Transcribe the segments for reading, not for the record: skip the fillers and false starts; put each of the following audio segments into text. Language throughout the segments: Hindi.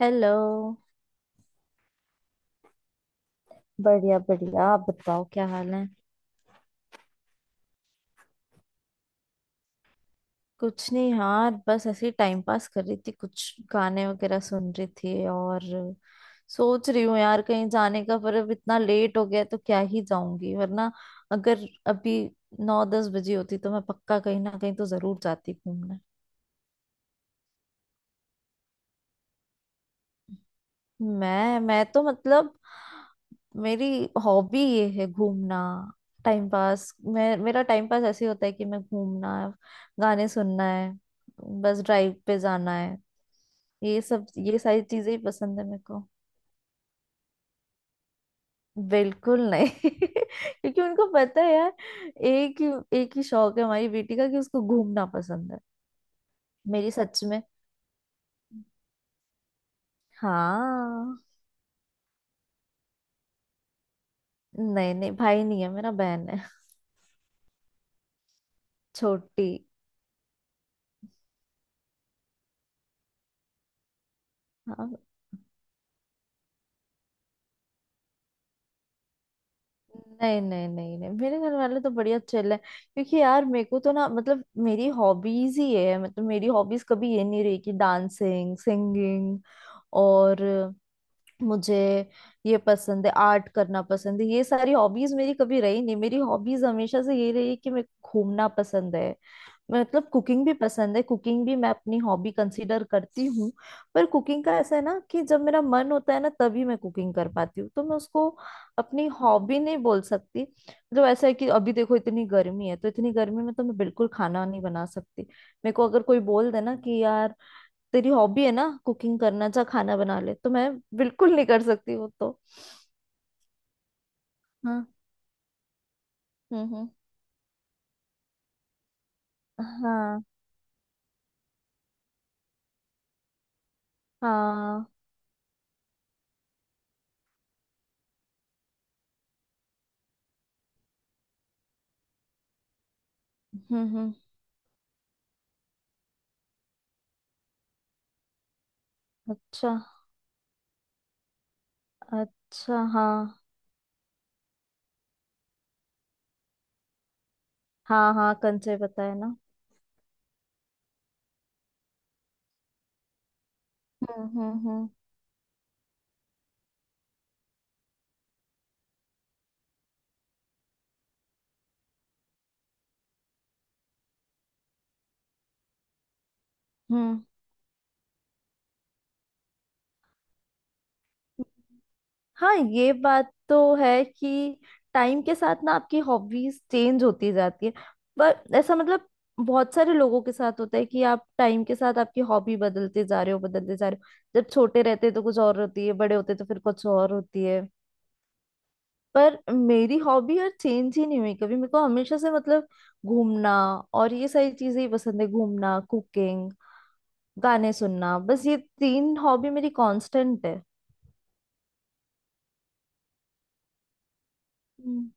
हेलो। बढ़िया बढ़िया, आप बताओ क्या हाल है। कुछ नहीं यार, बस ऐसे ही टाइम पास कर रही थी, कुछ गाने वगैरह सुन रही थी और सोच रही हूँ यार कहीं जाने का, पर अब इतना लेट हो गया है, तो क्या ही जाऊंगी, वरना अगर अभी 9-10 बजे होती तो मैं पक्का कहीं ना कहीं तो जरूर जाती घूमने। मैं तो मतलब मेरी हॉबी ये है घूमना। टाइम पास, मैं मेरा टाइम पास ऐसे ही होता है कि मैं घूमना है, गाने सुनना है, बस ड्राइव पे जाना है, ये सारी चीजें ही पसंद है मेरे को। बिल्कुल नहीं। क्योंकि उनको पता है यार एक ही शौक है हमारी बेटी का कि उसको घूमना पसंद है। मेरी सच में। हाँ। नहीं नहीं, भाई नहीं है मेरा, बहन है। छोटी। हाँ। नहीं नहीं नहीं नहीं, मेरे घर वाले तो बढ़िया चिल है, क्योंकि यार मेरे को तो ना, मतलब मेरी हॉबीज ही है, मतलब मेरी हॉबीज कभी ये नहीं रही कि डांसिंग, सिंगिंग और मुझे ये पसंद है, आर्ट करना पसंद है। ये सारी हॉबीज मेरी कभी रही नहीं। मेरी हॉबीज हमेशा से ये रही है कि मैं घूमना पसंद है। मतलब कुकिंग भी पसंद है, कुकिंग भी मैं अपनी हॉबी कंसीडर करती हूँ। पर कुकिंग का ऐसा है ना कि जब मेरा मन होता है ना, तभी मैं कुकिंग कर पाती हूँ, तो मैं उसको अपनी हॉबी नहीं बोल सकती। मतलब ऐसा है कि अभी देखो इतनी गर्मी है, तो इतनी गर्मी में तो मैं बिल्कुल खाना नहीं बना सकती। मेरे को अगर कोई बोल दे ना कि यार तेरी हॉबी है ना कुकिंग करना, जा खाना बना ले, तो मैं बिल्कुल नहीं कर सकती वो तो। हाँ। हम्म। हाँ हाँ। हम्म। अच्छा। अच्छा हाँ। हाँ हाँ, कंचे बताया ना। हम्म हम्म हम्म हम्म। हाँ, ये बात तो है कि टाइम के साथ ना आपकी हॉबीज चेंज होती जाती है। पर ऐसा, मतलब बहुत सारे लोगों के साथ होता है कि आप टाइम के साथ आपकी हॉबी बदलते जा रहे हो, बदलते जा रहे हो, जब छोटे रहते तो कुछ और होती है, बड़े होते तो फिर कुछ और होती है। पर मेरी हॉबी यार चेंज ही नहीं हुई कभी। मेरे को हमेशा से, मतलब घूमना और ये सारी चीजें ही पसंद है, घूमना, कुकिंग, गाने सुनना, बस ये तीन हॉबी मेरी कांस्टेंट है। हम्म।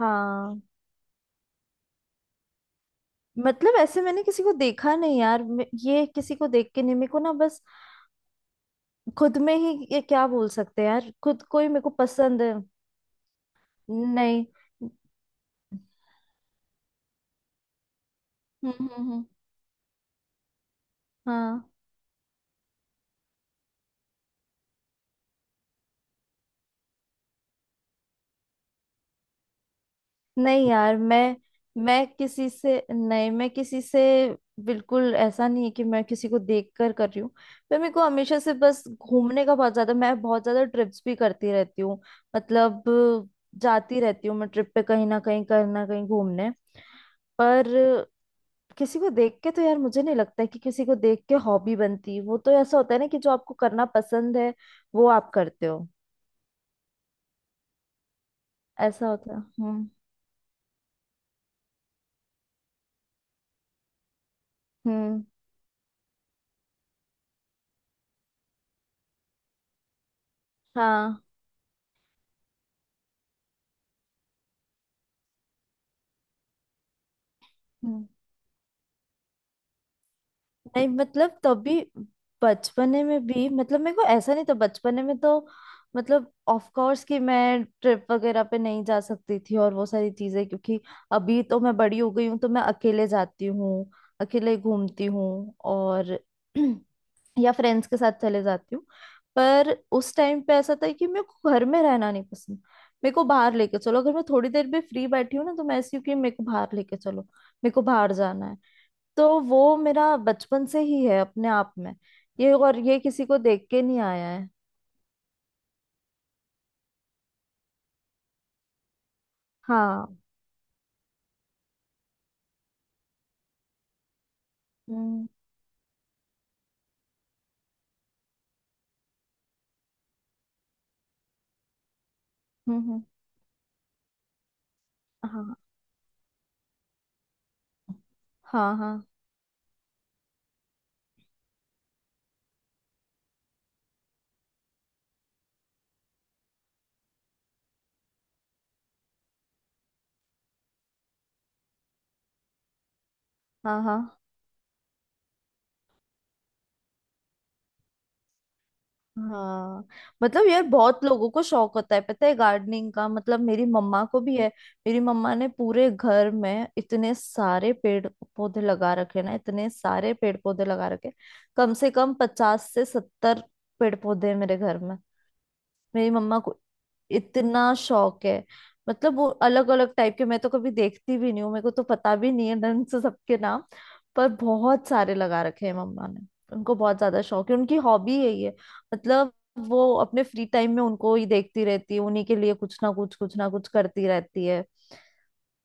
हाँ, मतलब ऐसे मैंने किसी को देखा नहीं यार, ये किसी को देख के नहीं, मेरे को ना बस खुद में ही ये, क्या बोल सकते हैं यार, खुद को ही मेरे को पसंद है। नहीं। हम्म हम्म हम्म, हाँ। नहीं यार, मैं किसी से नहीं, मैं किसी से बिल्कुल ऐसा नहीं है कि मैं किसी को देख कर कर रही हूँ। पर मेरे को हमेशा से बस घूमने का बहुत ज्यादा मैं बहुत ज्यादा ट्रिप्स भी करती रहती हूँ, मतलब जाती रहती हूँ मैं ट्रिप पे कहीं ना कहीं घूमने। पर किसी को देख के तो यार मुझे नहीं लगता है कि किसी को देख के हॉबी बनती, वो तो ऐसा होता है ना कि जो आपको करना पसंद है वो आप करते हो, ऐसा होता है। हम्म हम्म। हाँ। हम्म। नहीं, मतलब तब भी, बचपने में भी, मतलब मेरे को ऐसा नहीं था बचपने में तो, मतलब ऑफ कोर्स कि मैं ट्रिप वगैरह पे नहीं जा सकती थी और वो सारी चीजें, क्योंकि अभी तो मैं बड़ी हो गई हूँ, तो मैं अकेले जाती हूँ, अकेले घूमती हूँ और या फ्रेंड्स के साथ चले जाती हूँ। पर उस टाइम पे ऐसा था कि मेरे को घर में रहना नहीं पसंद, मेरे को बाहर लेके चलो। अगर मैं थोड़ी देर भी फ्री बैठी हूँ ना, तो मैं ऐसी हूँ कि मेरे को बाहर लेके चलो, मेरे को बाहर जाना है। तो वो मेरा बचपन से ही है अपने आप में, ये, और ये किसी को देख के नहीं आया है। हाँ। हम्म हम्म हम्म, हाँ हाँ हाँ। हाँ हाँ हाँ। मतलब यार बहुत लोगों को शौक होता है पता है गार्डनिंग का, मतलब मेरी मम्मा को भी है। मेरी मम्मा ने पूरे घर में इतने सारे पेड़ पौधे लगा रखे ना, इतने सारे पेड़ पौधे लगा रखे, कम से कम 50 से 70 पेड़ पौधे हैं मेरे घर में। मेरी मम्मा को इतना शौक है, मतलब वो अलग अलग टाइप के, मैं तो कभी देखती भी नहीं हूँ, मेरे को तो पता भी नहीं है ढंग से सबके नाम, पर बहुत सारे लगा रखे हैं मम्मा ने। उनको बहुत ज्यादा शौक है, उनकी हॉबी है ये। मतलब वो अपने फ्री टाइम में उनको ही देखती रहती है, उन्हीं के लिए कुछ ना कुछ करती रहती है,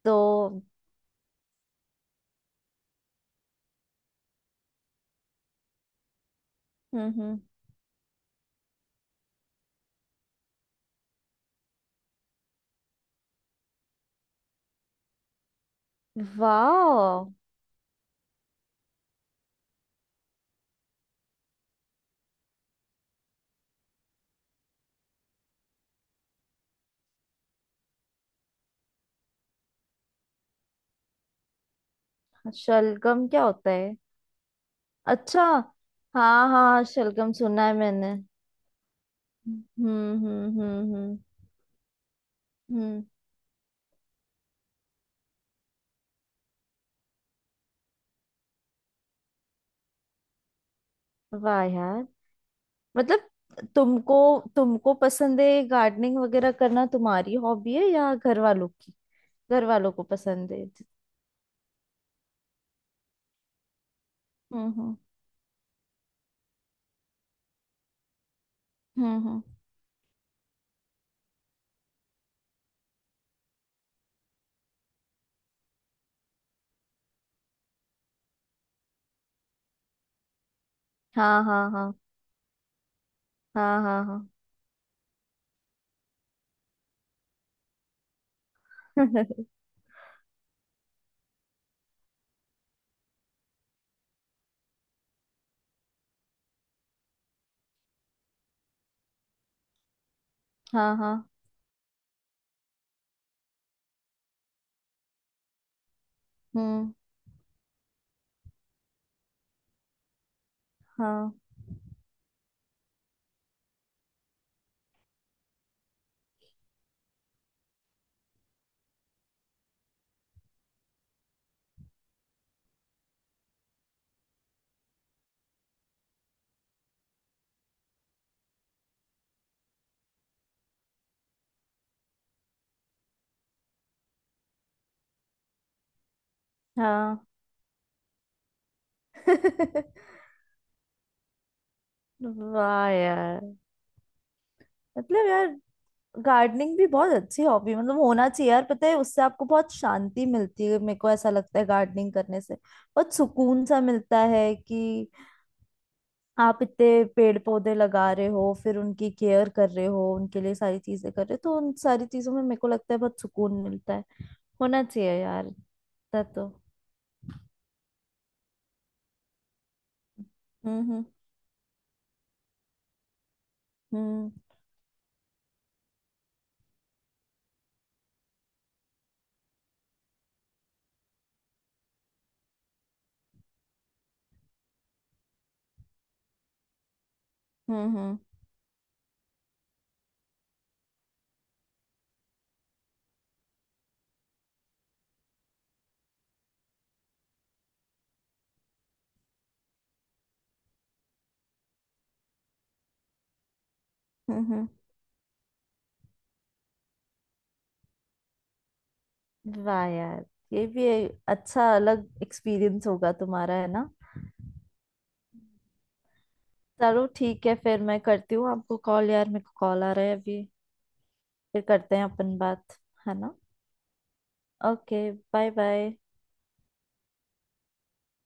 तो। हम्म। वाह। शलगम क्या होता है? अच्छा। हाँ हाँ, शलगम सुना है मैंने। हम्म हम्म हम्म हम्म हम्म। वाह यार, मतलब तुमको तुमको पसंद है गार्डनिंग वगैरह करना, तुम्हारी हॉबी है या घर वालों की, घर वालों को पसंद है? हम्म हम्म हम्म हम्म। हाँ हाँ हाँ हाँ हाँ हाँ। हाँ हाँ। हम्म। हाँ हाँ। वाह यार। मतलब यार गार्डनिंग भी बहुत अच्छी हॉबी, मतलब होना चाहिए यार, पता है उससे आपको बहुत शांति मिलती है। मेरे को ऐसा लगता है गार्डनिंग करने से बहुत सुकून सा मिलता है कि आप इतने पेड़ पौधे लगा रहे हो, फिर उनकी केयर कर रहे हो, उनके लिए सारी चीजें कर रहे हो, तो उन सारी चीजों में मेरे को लगता है बहुत सुकून मिलता है, होना चाहिए यार इतना तो। हम्म हम्म हम्म हम्म हम्म हम्म, हम्म। वाह यार, ये भी एक अच्छा अलग एक्सपीरियंस होगा तुम्हारा, है ना? चलो ठीक है, फिर मैं करती हूँ आपको कॉल यार, मेरे को कॉल आ रहा है अभी, फिर करते हैं अपन बात, है ना? ओके। Bye bye.